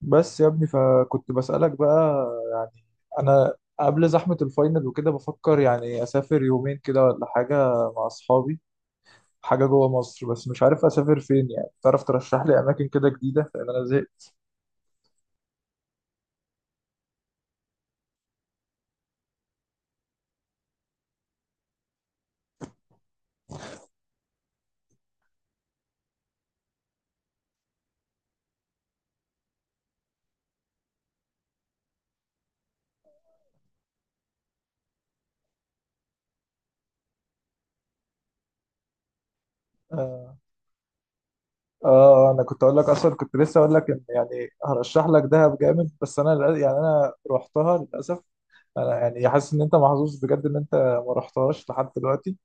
بس يا ابني، فكنت بسألك بقى. انا قبل زحمة الفاينل وكده بفكر يعني اسافر يومين كده ولا حاجة مع اصحابي، حاجة جوه مصر. بس مش عارف اسافر فين. يعني تعرف ترشح لي اماكن كده جديدة؟ لان انا زهقت. آه, اه انا كنت اقول لك اصلا، كنت لسه اقول لك ان يعني هرشح لك دهب جامد، بس انا يعني انا رحتها للاسف. انا يعني حاسس ان انت محظوظ بجد ان انت ما رحتهاش لحد دلوقتي.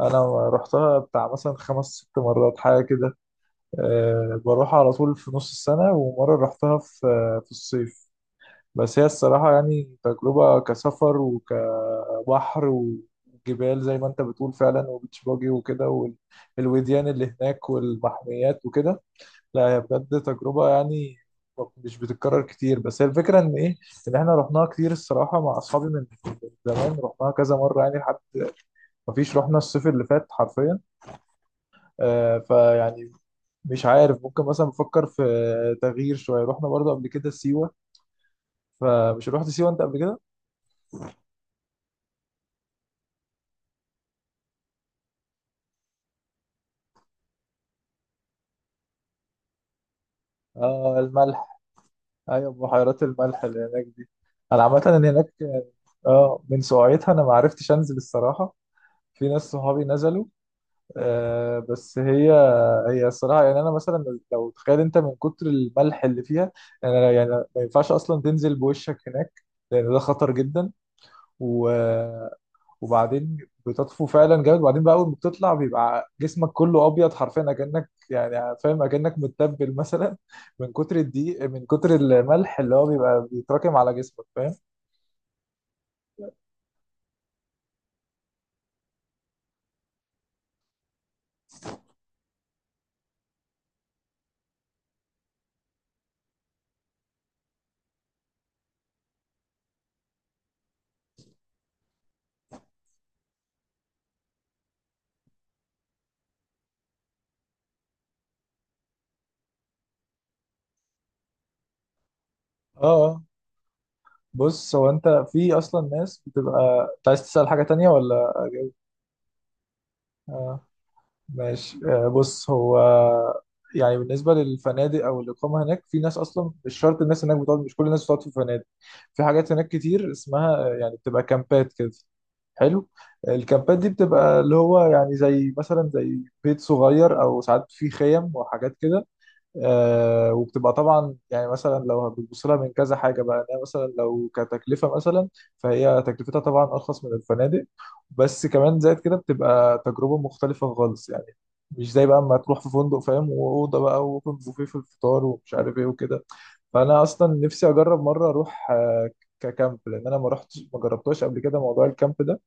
انا رحتها بتاع مثلا 5 6 مرات حاجة كده. بروح على طول في نص السنة، ومرة رحتها في في الصيف. بس هي الصراحة يعني تجربة كسفر وكبحر وجبال زي ما انت بتقول فعلا، وبيتش باجي وكده، والوديان اللي هناك والمحميات وكده. لا هي بجد تجربة يعني مش بتتكرر كتير. بس هي الفكرة ان ايه؟ ان احنا رحناها كتير الصراحة مع اصحابي، من زمان رحناها كذا مرة يعني. لحد مفيش، رحنا الصيف اللي فات حرفيا. فيعني مش عارف، ممكن مثلا بفكر في تغيير شويه. رحنا برضو قبل كده سيوه. فمش رحت سيوه انت قبل كده؟ اه، الملح. ايوه، بحيرات الملح اللي هناك دي. انا عامه اللي هناك اه من سقعتها، انا ما عرفتش انزل الصراحه. في ناس صحابي نزلوا. بس هي الصراحه يعني، انا مثلا، لو تخيل انت من كتر الملح اللي فيها، انا يعني ما ينفعش اصلا تنزل بوشك هناك، لان ده خطر جدا. و... وبعدين بتطفو فعلا جامد. وبعدين بقى، اول ما بتطلع بيبقى جسمك كله ابيض حرفيا، اكنك يعني فاهم، اكنك متبل مثلا من كتر الدقيق، من كتر الملح اللي هو بيبقى بيتراكم على جسمك. فاهم؟ اه. آه. بص، هو انت في اصلا ناس، بتبقى انت عايز تسأل حاجة تانية ولا؟ آه. ماشي. بص، هو يعني بالنسبة للفنادق أو الإقامة هناك، في ناس أصلا مش شرط. الناس هناك بتقعد، مش كل الناس بتقعد في فنادق. في حاجات هناك كتير اسمها يعني بتبقى كامبات كده. حلو. الكامبات دي بتبقى اللي هو يعني، زي مثلا زي بيت صغير، أو ساعات في خيم وحاجات كده. وبتبقى طبعا يعني، مثلا لو بتبص لها من كذا حاجه بقى، إن هي مثلا لو كتكلفه مثلا، فهي تكلفتها طبعا ارخص من الفنادق. بس كمان زائد كده، بتبقى تجربه مختلفه خالص يعني، مش زي بقى اما تروح في فندق فاهم، واوضه بقى، واوبن بوفيه في الفطار ومش عارف ايه وكده. فانا اصلا نفسي اجرب مره اروح ككامب، لان انا ما رحتش، ما جربتهاش قبل كده موضوع الكامب ده.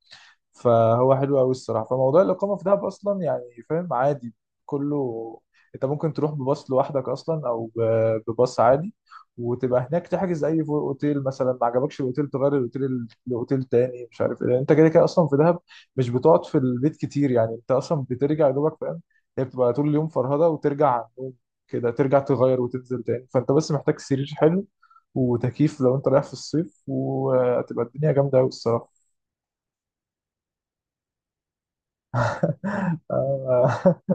فهو حلو قوي الصراحه. فموضوع الاقامه في دهب اصلا يعني فاهم، عادي كله. انت ممكن تروح بباص لوحدك اصلا، او بباص عادي، وتبقى هناك تحجز اي اوتيل مثلا. ما عجبكش الاوتيل، تغير الاوتيل لاوتيل تاني، مش عارف ايه. انت كده كده اصلا في دهب مش بتقعد في البيت كتير يعني. انت اصلا بترجع يا دوبك فاهم، هي بتبقى طول اليوم فرهده، وترجع على النوم، كده ترجع تغير وتنزل تاني. فانت بس محتاج سرير حلو وتكييف، لو انت رايح في الصيف وهتبقى الدنيا جامده قوي الصراحه.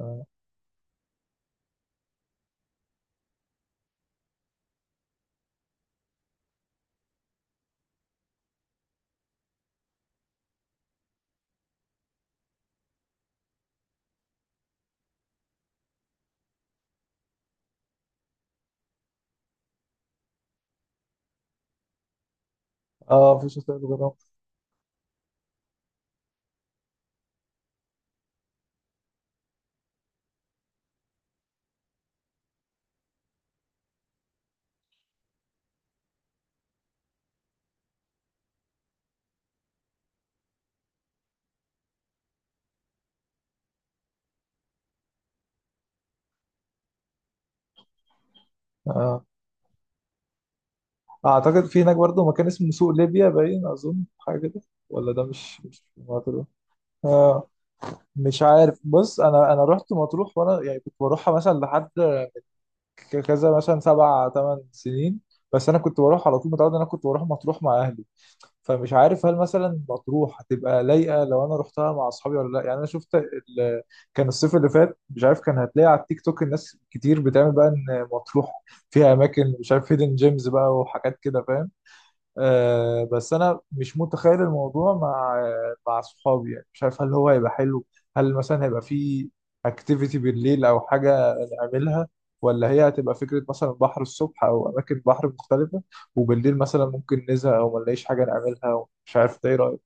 اه، اه، مفيش وسائل جرام. آه. اعتقد في هناك برضه مكان اسمه سوق ليبيا، باين اظن حاجه كده. ولا ده مش في مطروح؟ آه. مش عارف، بص، انا رحت مطروح، وانا يعني كنت بروحها مثلا لحد كذا، مثلا 7 8 سنين. بس انا كنت بروح على طول، متعود ان انا كنت بروح مطروح مع اهلي. فمش عارف هل مثلا مطروح هتبقى لايقه لو انا رحتها مع اصحابي ولا لا؟ يعني انا شفت كان الصيف اللي فات، مش عارف، كان هتلاقي على التيك توك الناس كتير بتعمل بقى ان مطروح فيها اماكن، مش عارف، هيدن جيمز بقى وحاجات كده فاهم. بس انا مش متخيل الموضوع مع صحابي يعني. مش عارف هل هو هيبقى حلو، هل مثلا هيبقى في اكتيفيتي بالليل او حاجه نعملها، ولا هي هتبقى فكره مثلا بحر الصبح او اماكن بحر مختلفه، وبالليل مثلا ممكن نزهق او ما نلاقيش حاجه نعملها. مش عارف ده، ايه رايك؟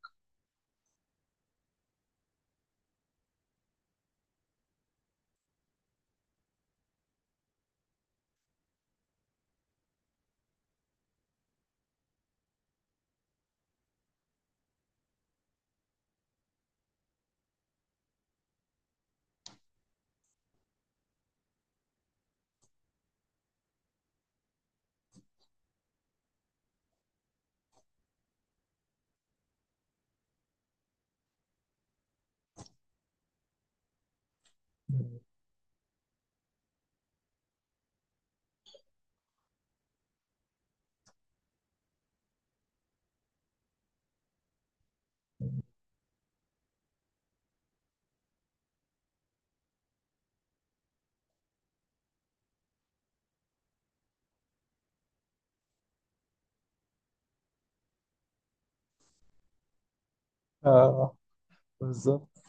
آه بالظبط.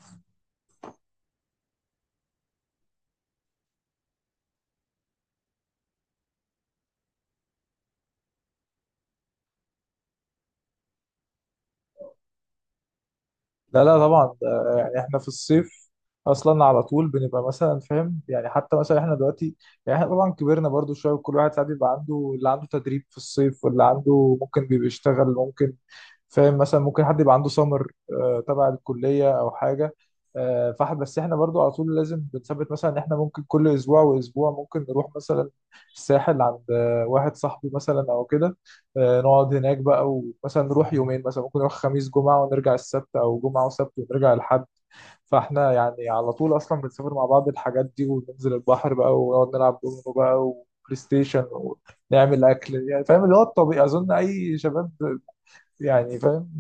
لا لا طبعا ده يعني، احنا في الصيف اصلا على طول بنبقى مثلا فاهم يعني. حتى مثلا احنا دلوقتي يعني، احنا طبعا كبرنا برضو شويه، وكل واحد ساعات بيبقى عنده، اللي عنده تدريب في الصيف، واللي عنده ممكن بيبقى يشتغل ممكن فاهم، مثلا ممكن حد يبقى عنده سمر تبع الكليه او حاجه. فاحنا بس احنا برضو على طول لازم بنثبت مثلا ان احنا ممكن كل اسبوع واسبوع ممكن نروح مثلا الساحل عند واحد صاحبي مثلا او كده. نقعد هناك بقى، ومثلا نروح يومين مثلا ممكن. نروح خميس جمعة ونرجع السبت، أو جمعة وسبت ونرجع الحد. فاحنا يعني على طول أصلا بنسافر مع بعض الحاجات دي، وننزل البحر بقى، ونقعد نلعب دومينو بقى، وبلاي ستيشن، ونعمل أكل. يعني فاهم اللي هو الطبيعي، أظن أي شباب يعني فاهم.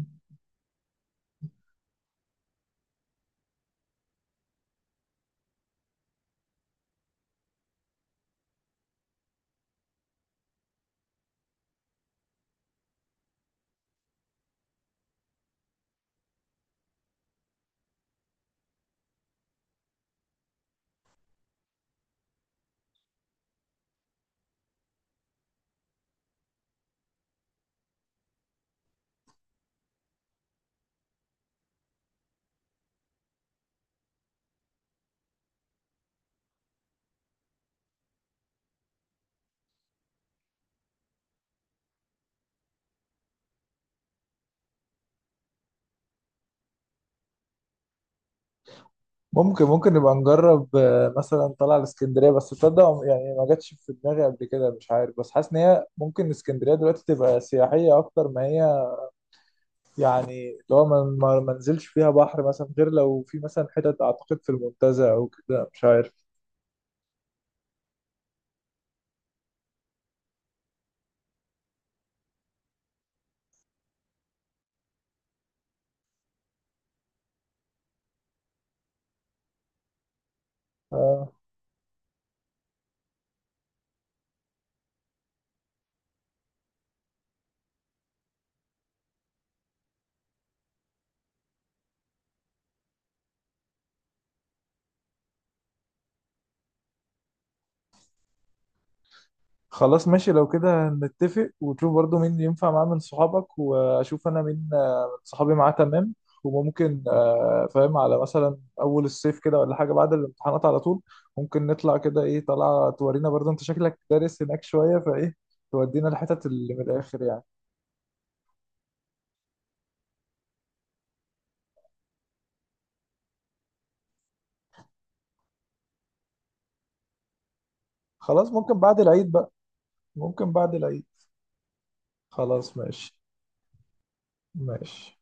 ممكن نبقى نجرب مثلا طلع الاسكندرية. بس تصدق يعني ما جاتش في دماغي قبل كده، مش عارف، بس حاسس إن هي ممكن اسكندرية دلوقتي تبقى سياحية أكتر ما هي يعني. لو ما نزلش فيها بحر مثلا، غير لو في مثلا حتت، اعتقد في المنتزه او كده، مش عارف. آه. خلاص ماشي، لو كده نتفق، وتشوف برضو مين ينفع معاه من صحابك، واشوف انا مين من صحابي معاه تمام. وممكن فاهم على مثلا اول الصيف كده، ولا حاجه بعد الامتحانات على طول ممكن نطلع كده. ايه، طلع تورينا برضو انت شكلك دارس هناك شويه، فايه، تودينا الحتت اللي من الاخر يعني. خلاص ممكن بعد العيد بقى، ممكن بعد العيد. خلاص ماشي. ماشي.